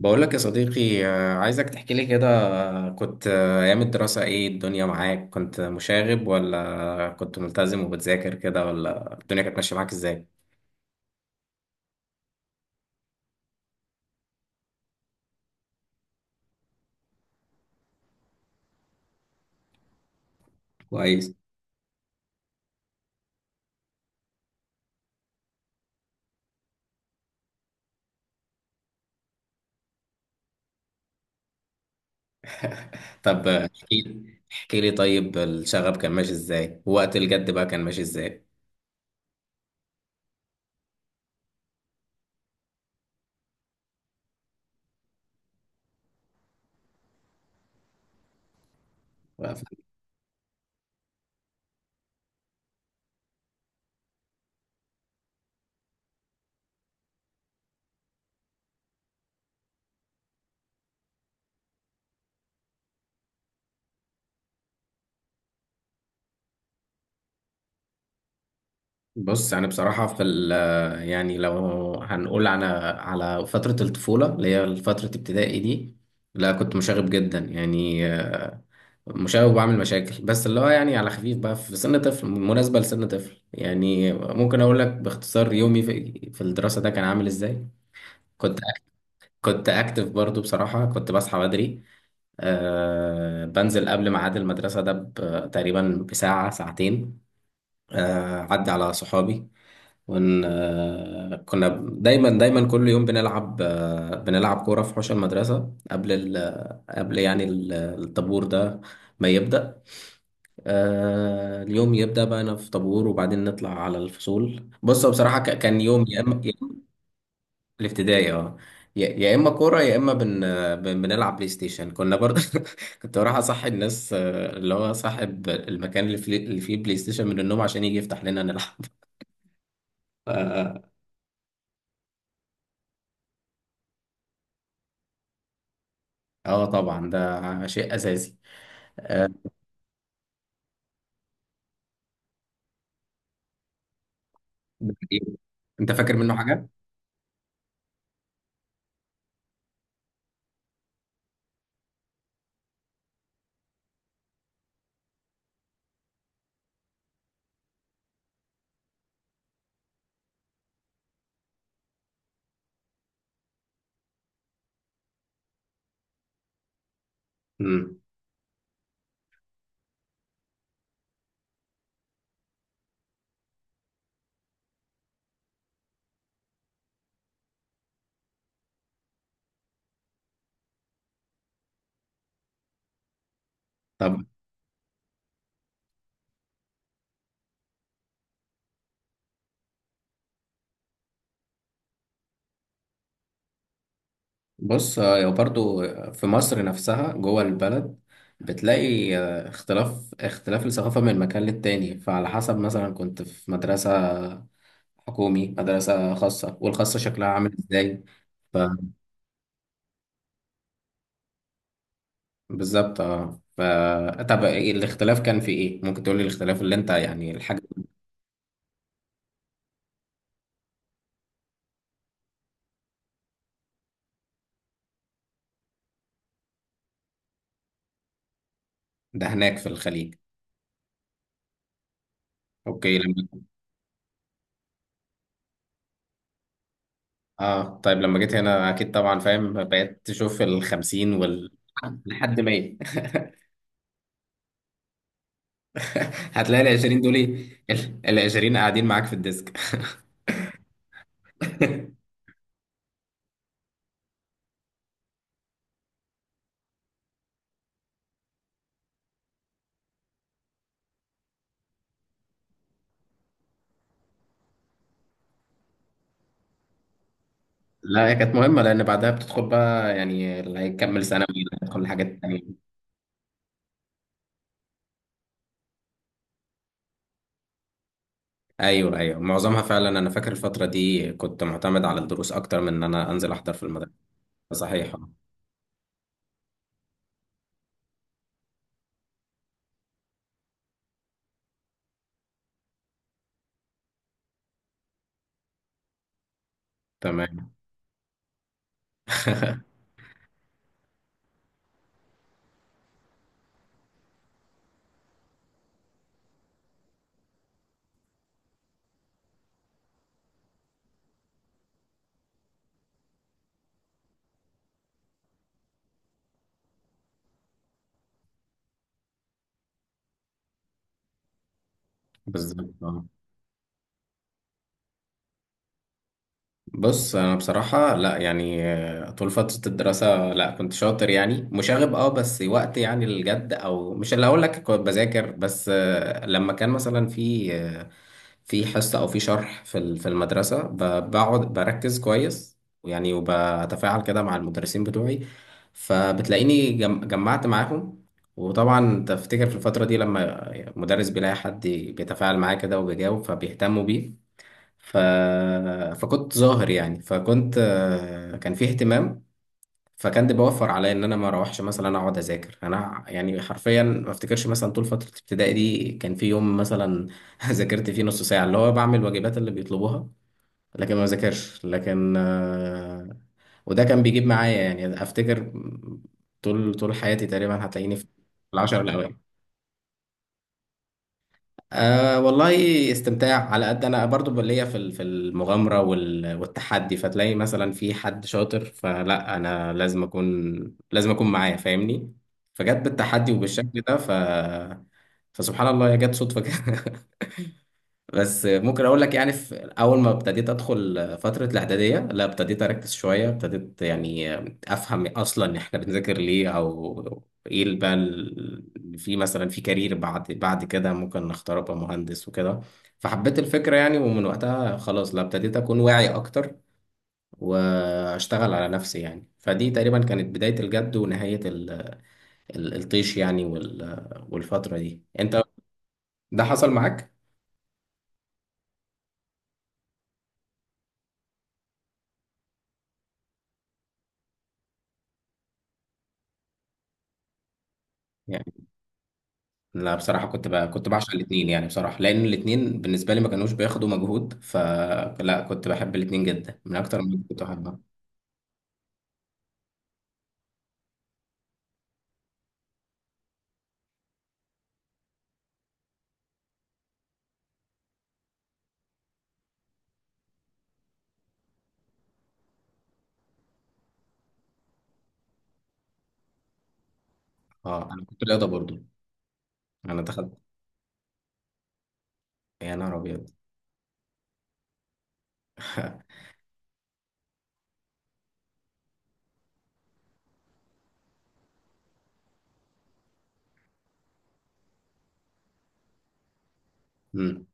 بقول لك يا صديقي، عايزك تحكي لي كده. كنت أيام الدراسة، إيه الدنيا معاك؟ كنت مشاغب ولا كنت ملتزم وبتذاكر كده، ولا الدنيا كانت ماشية معاك إزاي؟ كويس. طب، احكي لي طيب، الشغب كان ماشي إزاي وقت الجد بقى، كان ماشي إزاي؟ بص يعني بصراحة، في ال آه، يعني لو هنقول على فترة الطفولة اللي هي فترة ابتدائي دي، لا كنت مشاغب جدا يعني، مشاغب وبعمل مشاكل، بس اللي هو يعني على خفيف بقى في سن طفل، مناسبة لسن طفل. يعني ممكن اقول لك باختصار يومي في الدراسة ده كان عامل ازاي. كنت كنت اكتف برضو بصراحة، كنت بصحى بدري. بنزل قبل ميعاد المدرسة ده تقريبا بساعة ساعتين. عدي على صحابي. ون آه كنا دايما دايما كل يوم بنلعب، بنلعب كورة في حوش المدرسة قبل ال- قبل يعني الطابور ده ما يبدأ. اليوم يبدأ بقى، أنا في طابور، وبعدين نطلع على الفصول. بص هو بصراحة، كان يوم يا إما يا إما، في الابتدائي اه، يا إما كورة، يا إما بنلعب بلاي ستيشن كنا برضه. كنت بروح أصحي الناس، اللي هو صاحب المكان اللي فيه بلاي ستيشن، من النوم عشان يجي يفتح لنا نلعب. اه. طبعا ده شيء أساسي آه، أنت فاكر منه حاجة؟ مم. طب بص، برضو في مصر نفسها جوه البلد بتلاقي اختلاف الثقافة من مكان للتاني، فعلى حسب مثلا كنت في مدرسة حكومي، مدرسة خاصة، والخاصة شكلها عامل ازاي. ف- بالظبط اه. طب إيه الاختلاف كان في ايه؟ ممكن تقولي الاختلاف اللي انت يعني الحاجة. ده هناك في الخليج. اوكي. لما اه، طيب لما جيت هنا اكيد طبعا فاهم، بقيت تشوف الخمسين وال- لحد مية. هتلاقي ال 20 دول إيه؟ ال 20 قاعدين معاك في الديسك. لا هي كانت مهمة، لأن بعدها بتدخل بقى يعني اللي هيكمل ثانوي، اللي هيدخل حاجات تانية. أيوه، أيوه، معظمها فعلا. أنا فاكر الفترة دي كنت معتمد على الدروس أكتر من إن أنا أنزل أحضر في المدرسة. صحيح آه. تمام. بالظبط. بص انا بصراحه لا، يعني طول فتره الدراسه لا كنت شاطر، يعني مشاغب اه، بس وقت يعني الجد، او مش اللي اقول لك كنت بذاكر، بس لما كان مثلا في حصه او في شرح في في المدرسه، بقعد بركز كويس يعني، وبتفاعل كده مع المدرسين بتوعي، فبتلاقيني جمعت معاهم. وطبعا تفتكر في الفتره دي لما مدرس بيلاقي حد بيتفاعل معاه كده وبيجاوب، فبيهتموا بيه. ف... فكنت ظاهر يعني، فكنت، كان في اهتمام. فكان ده بيوفر عليا ان انا ما اروحش مثلا اقعد اذاكر. انا يعني حرفيا ما افتكرش مثلا طول فتره ابتدائي دي كان في يوم مثلا ذاكرت فيه نص ساعه، اللي هو بعمل الواجبات اللي بيطلبوها، لكن ما ذاكرش. لكن. وده كان بيجيب معايا، يعني افتكر طول حياتي تقريبا هتلاقيني في العشر الاوائل. أه والله، استمتاع على قد انا برضو ليا في في المغامره وال- والتحدي، فتلاقي مثلا في حد شاطر، فلا انا لازم اكون معاه، فاهمني. فجت بالتحدي وبالشكل ده. فسبحان الله هي جت صدفه كده. بس ممكن اقول لك يعني في اول ما ابتديت ادخل فتره الاعداديه، لا ابتديت اركز شويه، ابتديت يعني افهم اصلا احنا بنذاكر ليه، او ايه اللي بقى في مثلا في كارير بعد كده ممكن نختار ابقى مهندس وكده، فحبيت الفكره يعني. ومن وقتها خلاص، لا ابتديت اكون واعي اكتر واشتغل على نفسي، يعني فدي تقريبا كانت بدايه الجد ونهايه الطيش يعني. وال- والفتره دي انت، ده حصل معاك؟ لا بصراحة، كنت بعشق الاتنين يعني بصراحة، لأن الاتنين بالنسبة لي ما كانوش بياخدوا مجهود، فلا كنت بحب الاتنين جدا، من أكتر من كنت بحبها. اه أنا كنت رياضة برضو. أنا دخلت، يا نهار أبيض. مم.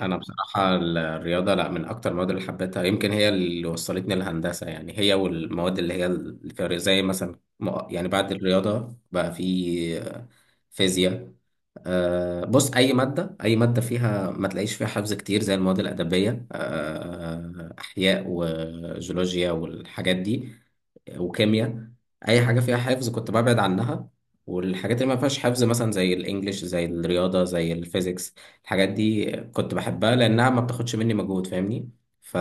انا بصراحه الرياضه، لا من اكتر المواد اللي حبيتها، يمكن هي اللي وصلتني للهندسه. يعني هي والمواد اللي هي اللي فيها زي مثلا، يعني بعد الرياضه بقى في فيزياء. بص، اي ماده، اي ماده فيها ما تلاقيش فيها حفظ كتير زي المواد الادبيه، احياء وجيولوجيا والحاجات دي وكيمياء، اي حاجه فيها حفظ كنت ببعد عنها، والحاجات اللي ما فيهاش حفظ مثلا زي الانجليش زي الرياضه زي الفيزيكس، الحاجات دي كنت بحبها لانها ما بتاخدش مني مجهود، فاهمني. ف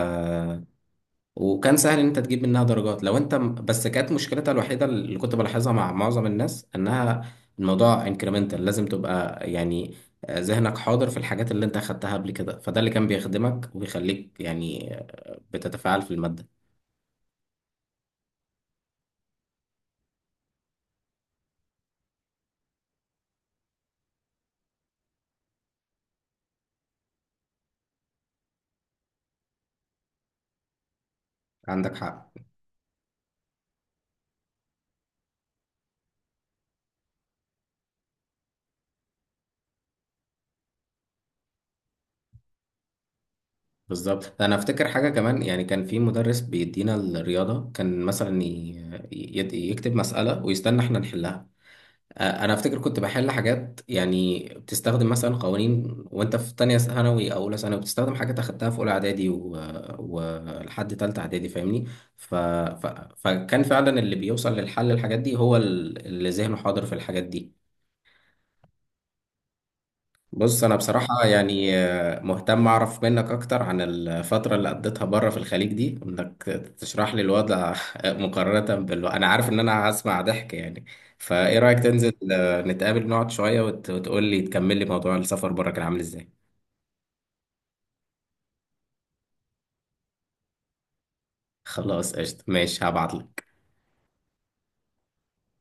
وكان سهل ان انت تجيب منها درجات، لو انت بس كانت مشكلتها الوحيده اللي كنت بلاحظها مع معظم الناس انها، الموضوع انكريمنتال، لازم تبقى يعني ذهنك حاضر في الحاجات اللي انت اخدتها قبل كده، فده اللي كان بيخدمك وبيخليك يعني بتتفاعل في الماده. عندك حق. بالظبط. انا افتكر حاجه كمان يعني، كان في مدرس بيدينا الرياضه كان مثلا يكتب مساله ويستنى احنا نحلها. انا افتكر كنت بحل حاجات يعني بتستخدم مثلا قوانين، وانت في تانية ثانوي او اولى ثانوي بتستخدم حاجات اخدتها في اولى اعدادي و- ولحد تالتة اعدادي، فاهمني. ف... ف... فكان فعلا اللي بيوصل للحل الحاجات دي هو اللي ذهنه حاضر في الحاجات دي. بص انا بصراحه يعني مهتم اعرف منك اكتر عن الفتره اللي قضيتها بره في الخليج دي، انك تشرح لي الوضع. مقارنه بال- انا عارف ان انا هسمع ضحك يعني، فايه رايك تنزل نتقابل نقعد شويه، وتقول لي، تكمل لي موضوع السفر بره كان عامل ازاي. خلاص قشطه، ماشي، هبعت لك.